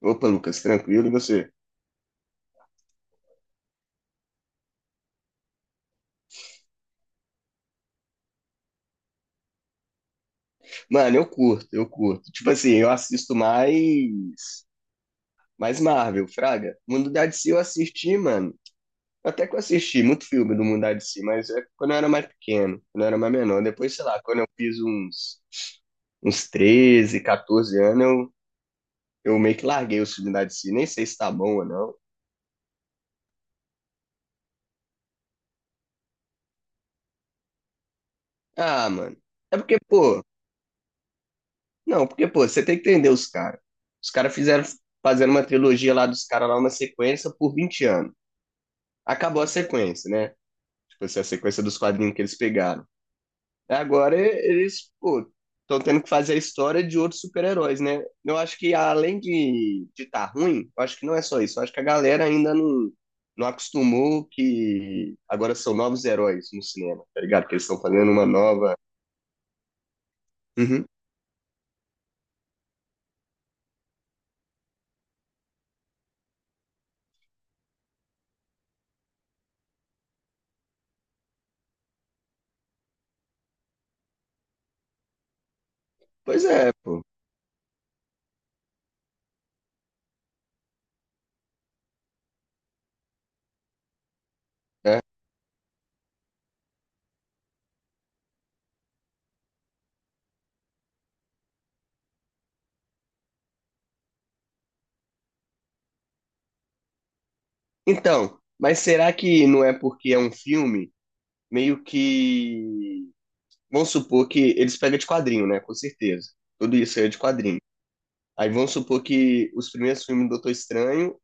Opa, Lucas, tranquilo e você? Mano, eu curto. Tipo assim, eu assisto mais Marvel, Fraga. Mundo da DC eu assisti, mano. Até que eu assisti muito filme do Mundo da DC, mas é quando eu era mais pequeno, quando eu era mais menor. Depois, sei lá, quando eu fiz uns treze, 14 anos, eu meio que larguei o filme da DC. Nem sei se tá bom ou não. Ah, mano. É porque, pô, não, porque, pô, você tem que entender os caras. Os caras fizeram Fazendo uma trilogia lá dos caras lá, uma sequência por 20 anos. Acabou a sequência, né? Tipo assim, a sequência dos quadrinhos que eles pegaram. Agora eles, pô, estão tendo que fazer a história de outros super-heróis, né? Eu acho que além de tá ruim, eu acho que não é só isso. Eu acho que a galera ainda não acostumou que agora são novos heróis no cinema, tá ligado? Que eles estão fazendo uma nova. Uhum. Pois é, pô. É. Então, mas será que não é porque é um filme meio que... Vamos supor que eles pegam de quadrinho, né? Com certeza. Tudo isso aí é de quadrinho. Aí vamos supor que os primeiros filmes do Doutor Estranho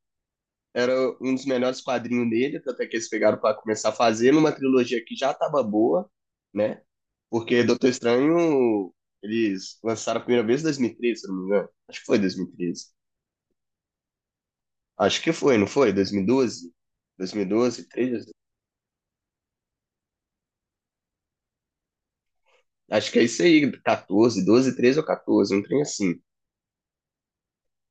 era um dos melhores quadrinhos dele, até que eles pegaram para começar a fazer numa trilogia que já estava boa, né? Porque Doutor Estranho eles lançaram a primeira vez em 2013, se eu não me engano. Acho que foi 2013. Acho que foi, não foi? 2012? 2012, 13? Acho que é isso aí, 14, 12, 13 ou 14, um trem assim.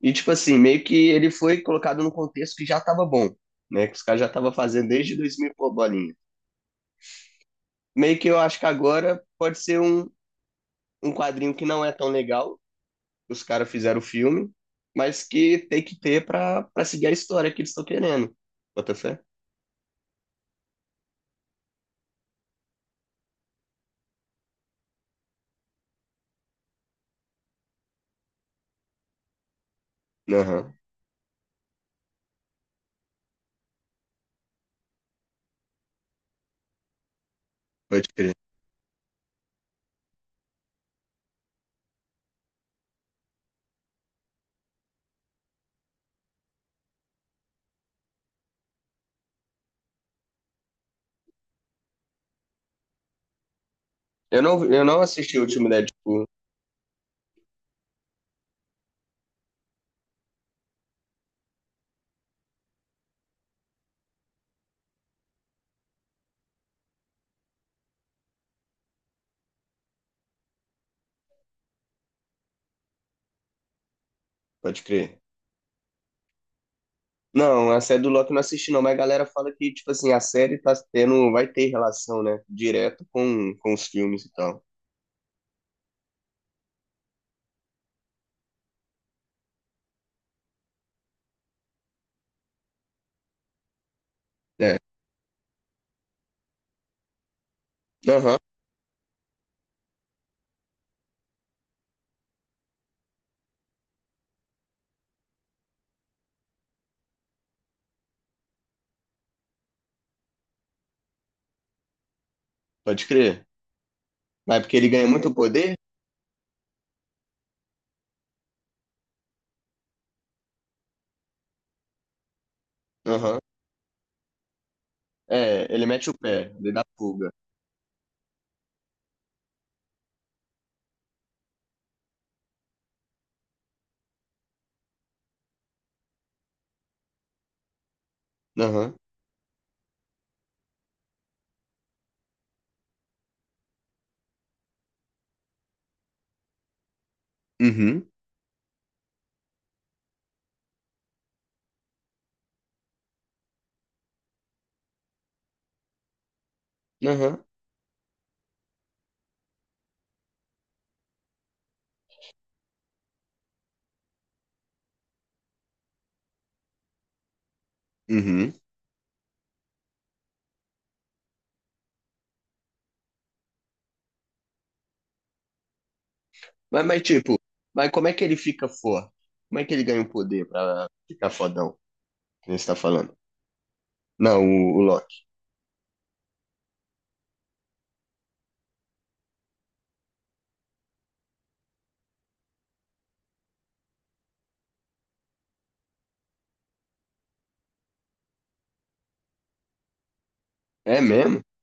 E, tipo assim, meio que ele foi colocado num contexto que já tava bom, né? Que os caras já estavam fazendo desde 2000 por bolinha. Meio que eu acho que agora pode ser um quadrinho que não é tão legal, que os caras fizeram o filme, mas que tem que ter pra seguir a história que eles estão querendo. Bota fé? Aham, pode crer. Eu não assisti o último Deadpool, pode crer. Não, a série do Loki eu não assisti não, mas a galera fala que, tipo assim, a série tá tendo, vai ter relação, né, direto com os filmes e tal. É. Aham. Pode crer. Mas porque ele ganha muito poder? Aham. É, ele mete o pé, ele dá fuga. Aham. Uhum. Aham. Uhum. Mas tipo, mas como é que ele fica forte? Como é que ele ganha o poder pra ficar fodão? Que nem você tá falando. Não, o Loki. É mesmo?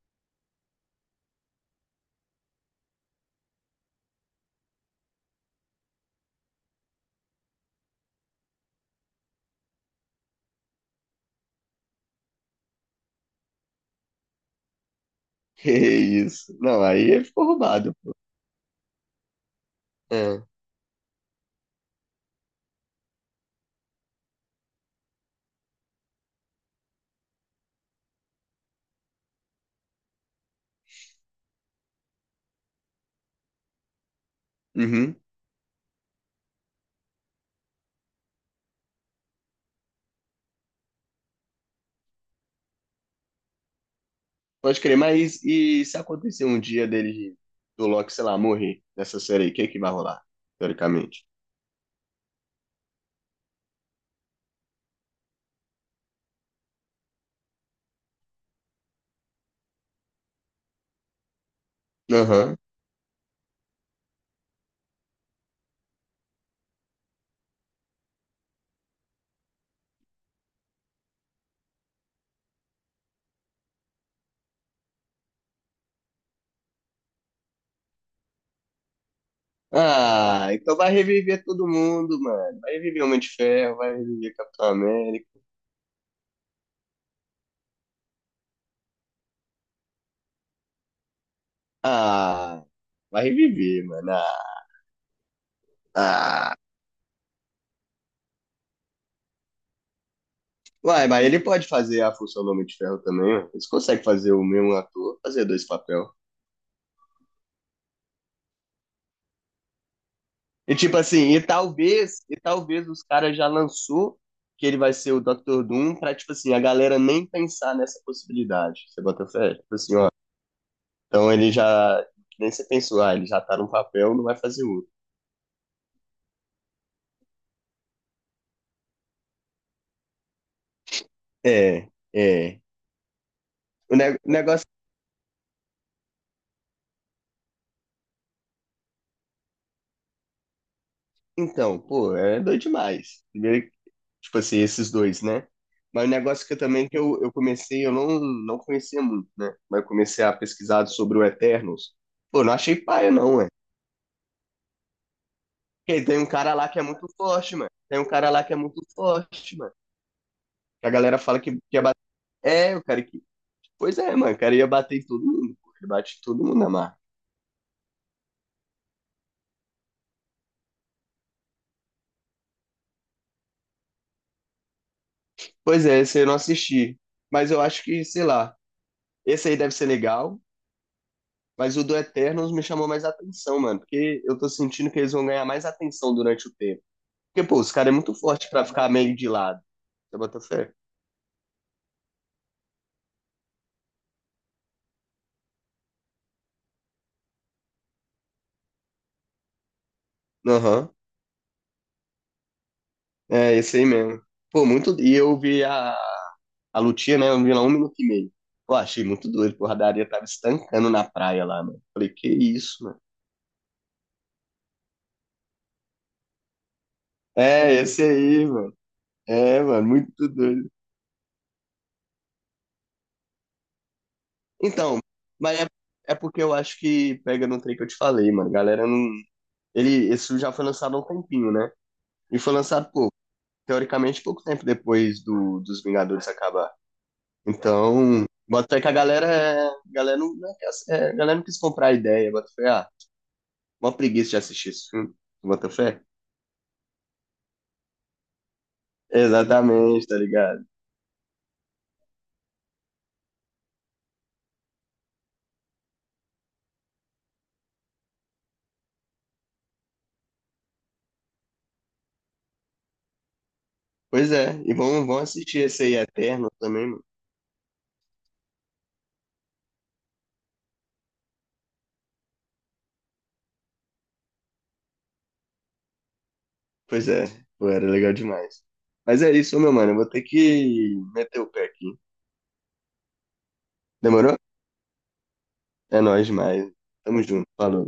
Que isso. Não, aí ele ficou roubado, pô. É. Uhum. Pode crer, mas e se acontecer um dia dele, do Loki, sei lá, morrer nessa série aí, o que que vai rolar? Teoricamente. Aham. Ah, então vai reviver todo mundo, mano. Vai reviver Homem de Ferro, vai reviver Capitão América. Ah, vai reviver, mano. Ah, ah. Uai, mas ele pode fazer a função do Homem de Ferro também, ó. Eles conseguem fazer o mesmo ator, fazer dois papel. E tipo assim, e talvez os caras já lançou que ele vai ser o Dr. Doom pra, tipo assim, a galera nem pensar nessa possibilidade. Você bota fé? Tipo assim, ó. Então ele já, nem você pensou, ah, ele já tá num papel, não vai fazer outro. É, é. O o negócio, então, pô, é doido demais. Primeiro, tipo assim, esses dois, né? Mas o negócio que eu também que eu comecei, eu não conhecia muito, né? Mas eu comecei a pesquisar sobre o Eternos. Pô, não achei paia, não, ué. Porque tem um cara lá que é muito forte, mano. Tem um cara lá que é muito forte, mano. Que a galera fala que ia bater. É, o cara que. Pois é, mano, o cara ia bater em todo mundo. Pô. Ele bate em todo mundo na marra. Pois é, esse eu não assisti. Mas eu acho que, sei lá, esse aí deve ser legal. Mas o do Eternals me chamou mais atenção, mano, porque eu tô sentindo que eles vão ganhar mais atenção durante o tempo. Porque, pô, os caras é muito forte pra ficar meio de lado. Você bota fé? Aham. É, esse aí mesmo. Pô, muito. E eu vi a lutinha, né? Eu vi lá 1 minuto e meio. Pô, achei muito doido, porra, a Daria tava estancando na praia lá, mano. Falei, que isso, mano. É, esse aí, mano. É, mano, muito doido. Então, mas é, é porque eu acho que pega no trem que eu te falei, mano. Galera não. Ele, esse já foi lançado há um tempinho, né? E foi lançado, pô, teoricamente, pouco tempo depois do, dos Vingadores acabar. Então, bota fé que a galera, a galera, não, não é que a- é, a galera não quis comprar a ideia, bota fé, ah, uma preguiça de assistir esse filme, bota fé. Exatamente, tá ligado? Pois é, e vão, vão assistir esse aí Eterno também, mano. Pois é, pô, era legal demais. Mas é isso, meu mano, eu vou ter que meter o pé aqui. Demorou? É nóis demais. Tamo junto, falou.